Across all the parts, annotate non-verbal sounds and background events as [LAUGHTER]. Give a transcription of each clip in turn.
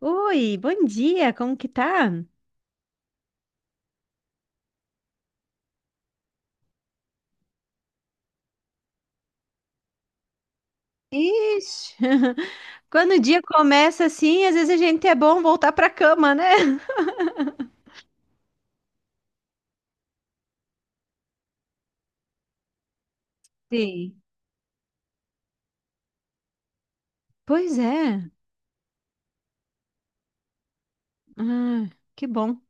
Oi, bom dia, como que tá? Ixi, [LAUGHS] Quando o dia começa assim, às vezes a gente é bom voltar pra cama, né? Sim. Pois é. Ah, que bom.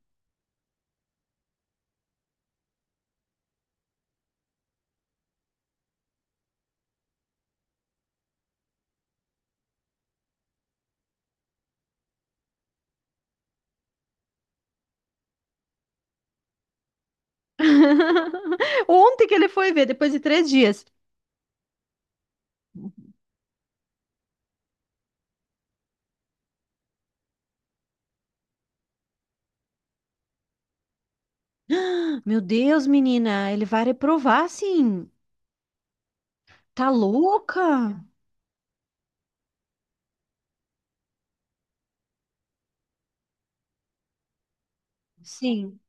[LAUGHS] Ontem que ele foi ver, depois de 3 dias. Meu Deus, menina, ele vai reprovar, sim. Tá louca? Sim,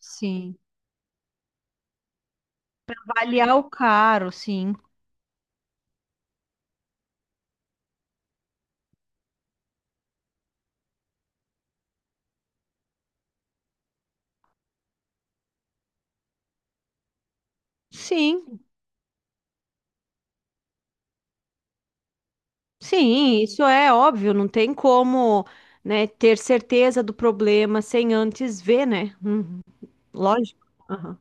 sim. Avaliar o caro, sim. Sim. Sim, isso é óbvio, não tem como, né, ter certeza do problema sem antes ver, né? Uhum. Lógico. Aham.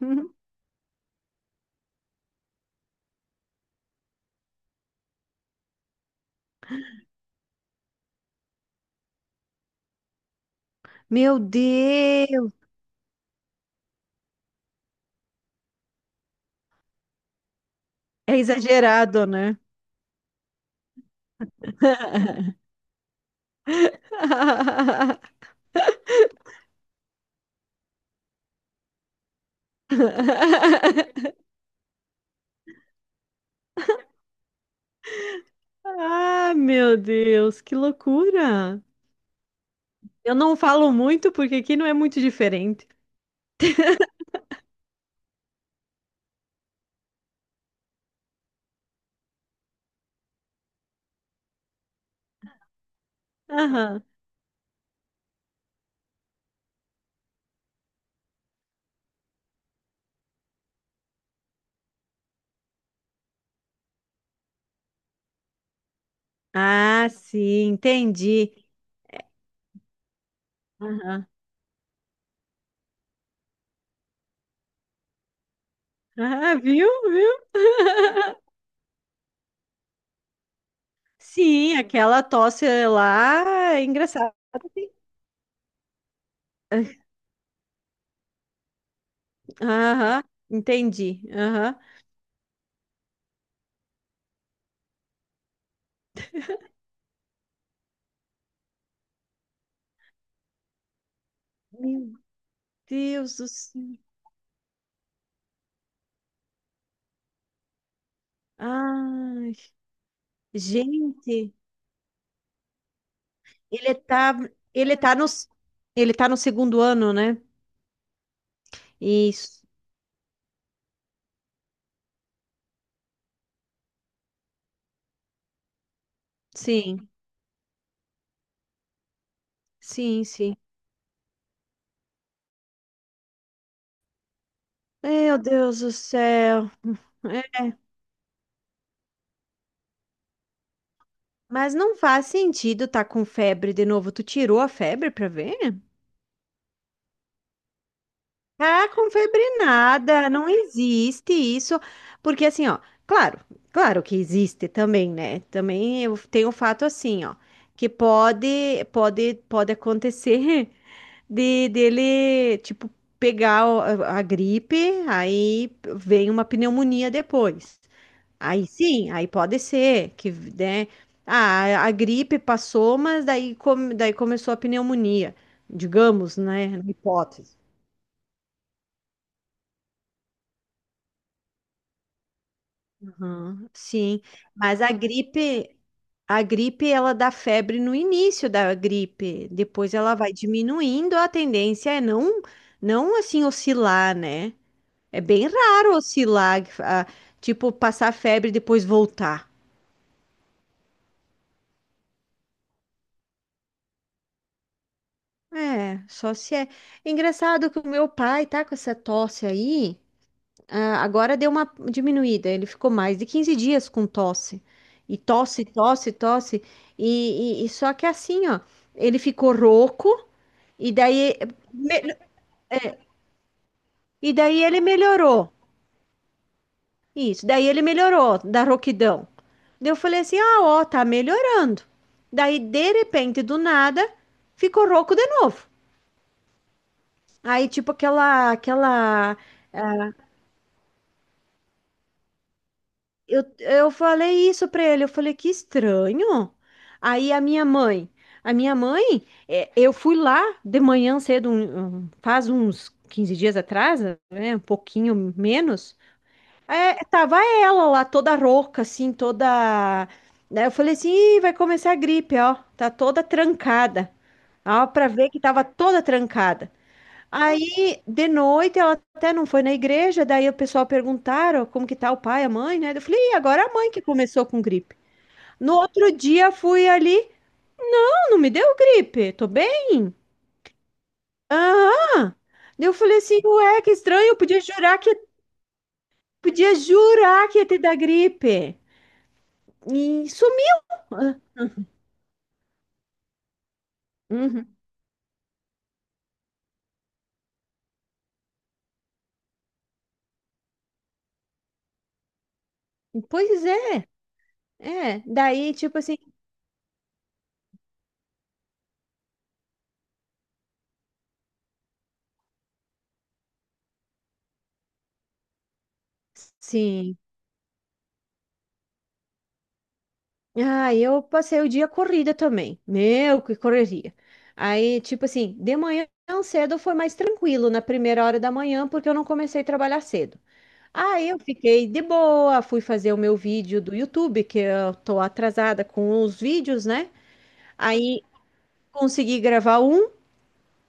Uhum. Meu Deus, é exagerado, né? [LAUGHS] Ah, meu Deus, que loucura! Eu não falo muito porque aqui não é muito diferente. Aham. Ah, sim, entendi. Aham. Ah, viu, viu? [LAUGHS] Sim, aquela tosse lá é engraçada. Sim. Aham, entendi. Aham. Meu Deus do céu. Ai, gente, ele tá, ele tá no, ele tá no segundo ano, né? Isso. Sim, sim, sim. Meu Deus do céu. É. Mas não faz sentido tá com febre de novo. Tu tirou a febre pra ver? Ah, com febre nada, não existe isso, porque assim, ó, claro, claro que existe também, né? Também eu tenho o fato assim, ó, que pode acontecer [LAUGHS] de dele, tipo, pegar a gripe, aí vem uma pneumonia depois. Aí sim, aí pode ser que, né? Ah, a gripe passou, mas daí, daí começou a pneumonia, digamos, né? Na hipótese. Aham, sim, mas a gripe ela dá febre no início da gripe, depois ela vai diminuindo, a tendência é não assim oscilar, né? É bem raro oscilar, tipo passar febre e depois voltar. É, só se é. Engraçado que o meu pai tá com essa tosse aí. Ah, agora deu uma diminuída. Ele ficou mais de 15 dias com tosse. E tosse, tosse, tosse. E só que assim, ó, ele ficou rouco e daí, me- e daí ele melhorou. Isso, daí ele melhorou da rouquidão. Daí eu falei assim: ah, ó, tá melhorando. Daí, de repente, do nada, ficou rouco de novo. Aí, tipo, aquela Eu falei isso pra ele, eu falei, que estranho. Aí a minha mãe, a minha mãe, eu fui lá de manhã cedo, faz uns 15 dias atrás, né, um pouquinho menos, tava ela lá toda rouca, assim, toda... Daí eu falei assim, "Ih, vai começar a gripe, ó, tá toda trancada." Ó, pra ver que tava toda trancada. Aí, de noite, ela até não foi na igreja, daí o pessoal perguntaram como que tá o pai, a mãe, né? Eu falei, e agora é a mãe que começou com gripe. No outro dia, fui ali, não, não me deu gripe, tô bem. Aham. Daí eu falei assim, ué, que estranho, eu podia jurar que ia te dar gripe. E sumiu. Ah, uhum. Pois é, é. Daí, tipo assim, sim. Ah, eu passei o dia corrida também. Meu, que correria. Aí, tipo assim, de manhã cedo foi mais tranquilo, na primeira hora da manhã, porque eu não comecei a trabalhar cedo. Aí eu fiquei de boa, fui fazer o meu vídeo do YouTube, que eu tô atrasada com os vídeos, né? Aí consegui gravar um,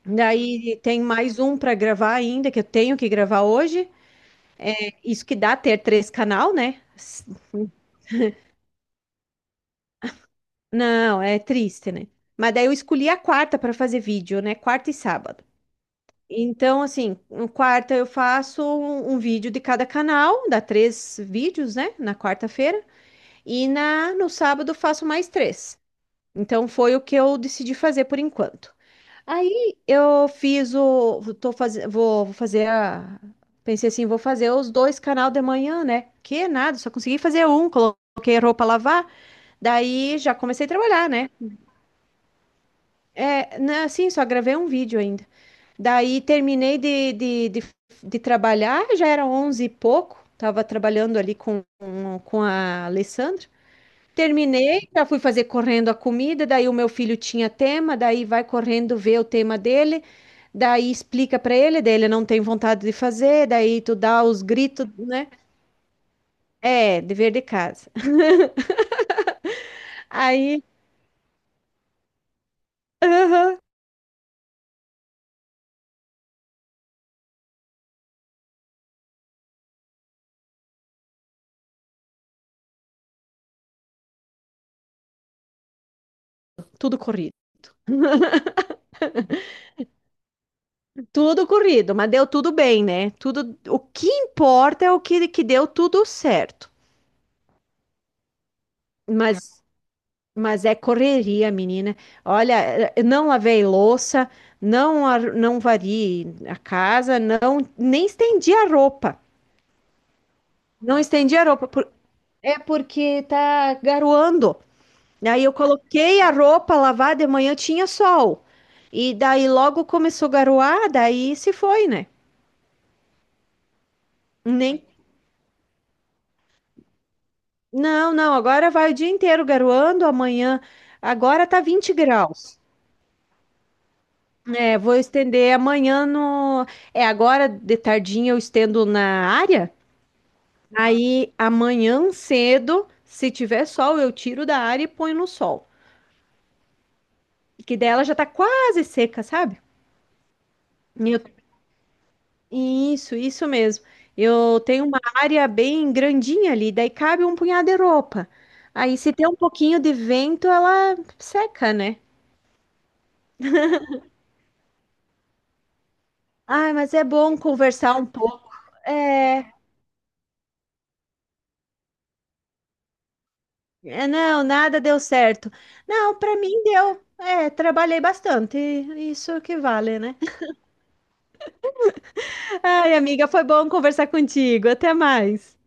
daí tem mais um para gravar ainda, que eu tenho que gravar hoje. Isso que dá ter três canal, né? Não, é triste, né? Mas daí eu escolhi a quarta para fazer vídeo, né? Quarta e sábado. Então, assim, no quarta eu faço um vídeo de cada canal, dá três vídeos, né, na quarta-feira, e na no sábado eu faço mais três. Então foi o que eu decidi fazer por enquanto. Aí eu fiz o, tô fazendo, vou, vou fazer a, pensei assim, vou fazer os dois canal de manhã, né? Que nada, só consegui fazer um, coloquei roupa a lavar, daí já comecei a trabalhar, né? É, né, assim, só gravei um vídeo ainda. Daí terminei de trabalhar, já era 11 e pouco, tava trabalhando ali com a Alessandra. Terminei, já fui fazer correndo a comida, daí o meu filho tinha tema, daí vai correndo ver o tema dele, daí explica para ele, daí ele não tem vontade de fazer, daí tu dá os gritos, né? É, dever de casa. Aí tudo corrido. Tudo corrido, mas deu tudo bem, né? Tudo, o que importa é o que, que deu tudo certo. Mas, mas é correria, menina. Olha, não lavei louça, não varri a casa, não nem estendi a roupa. Não estendi a roupa é porque tá garoando. Aí eu coloquei a roupa lavar de manhã, tinha sol. E daí logo começou a garoar, daí se foi, né? Nem Não, não, agora vai o dia inteiro garoando, amanhã. Agora tá 20 graus. É, vou estender amanhã no. É, agora de tardinha eu estendo na área. Aí amanhã cedo, se tiver sol, eu tiro da área e ponho no sol. Que daí ela já tá quase seca, sabe? E eu- Isso, isso mesmo. Eu tenho uma área bem grandinha ali, daí cabe um punhado de roupa. Aí se tem um pouquinho de vento, ela seca, né? Ai, mas é bom conversar um pouco. É, é, não, nada deu certo. Não, pra mim deu. É, trabalhei bastante. Isso que vale, né? [LAUGHS] Ai, amiga, foi bom conversar contigo. Até mais.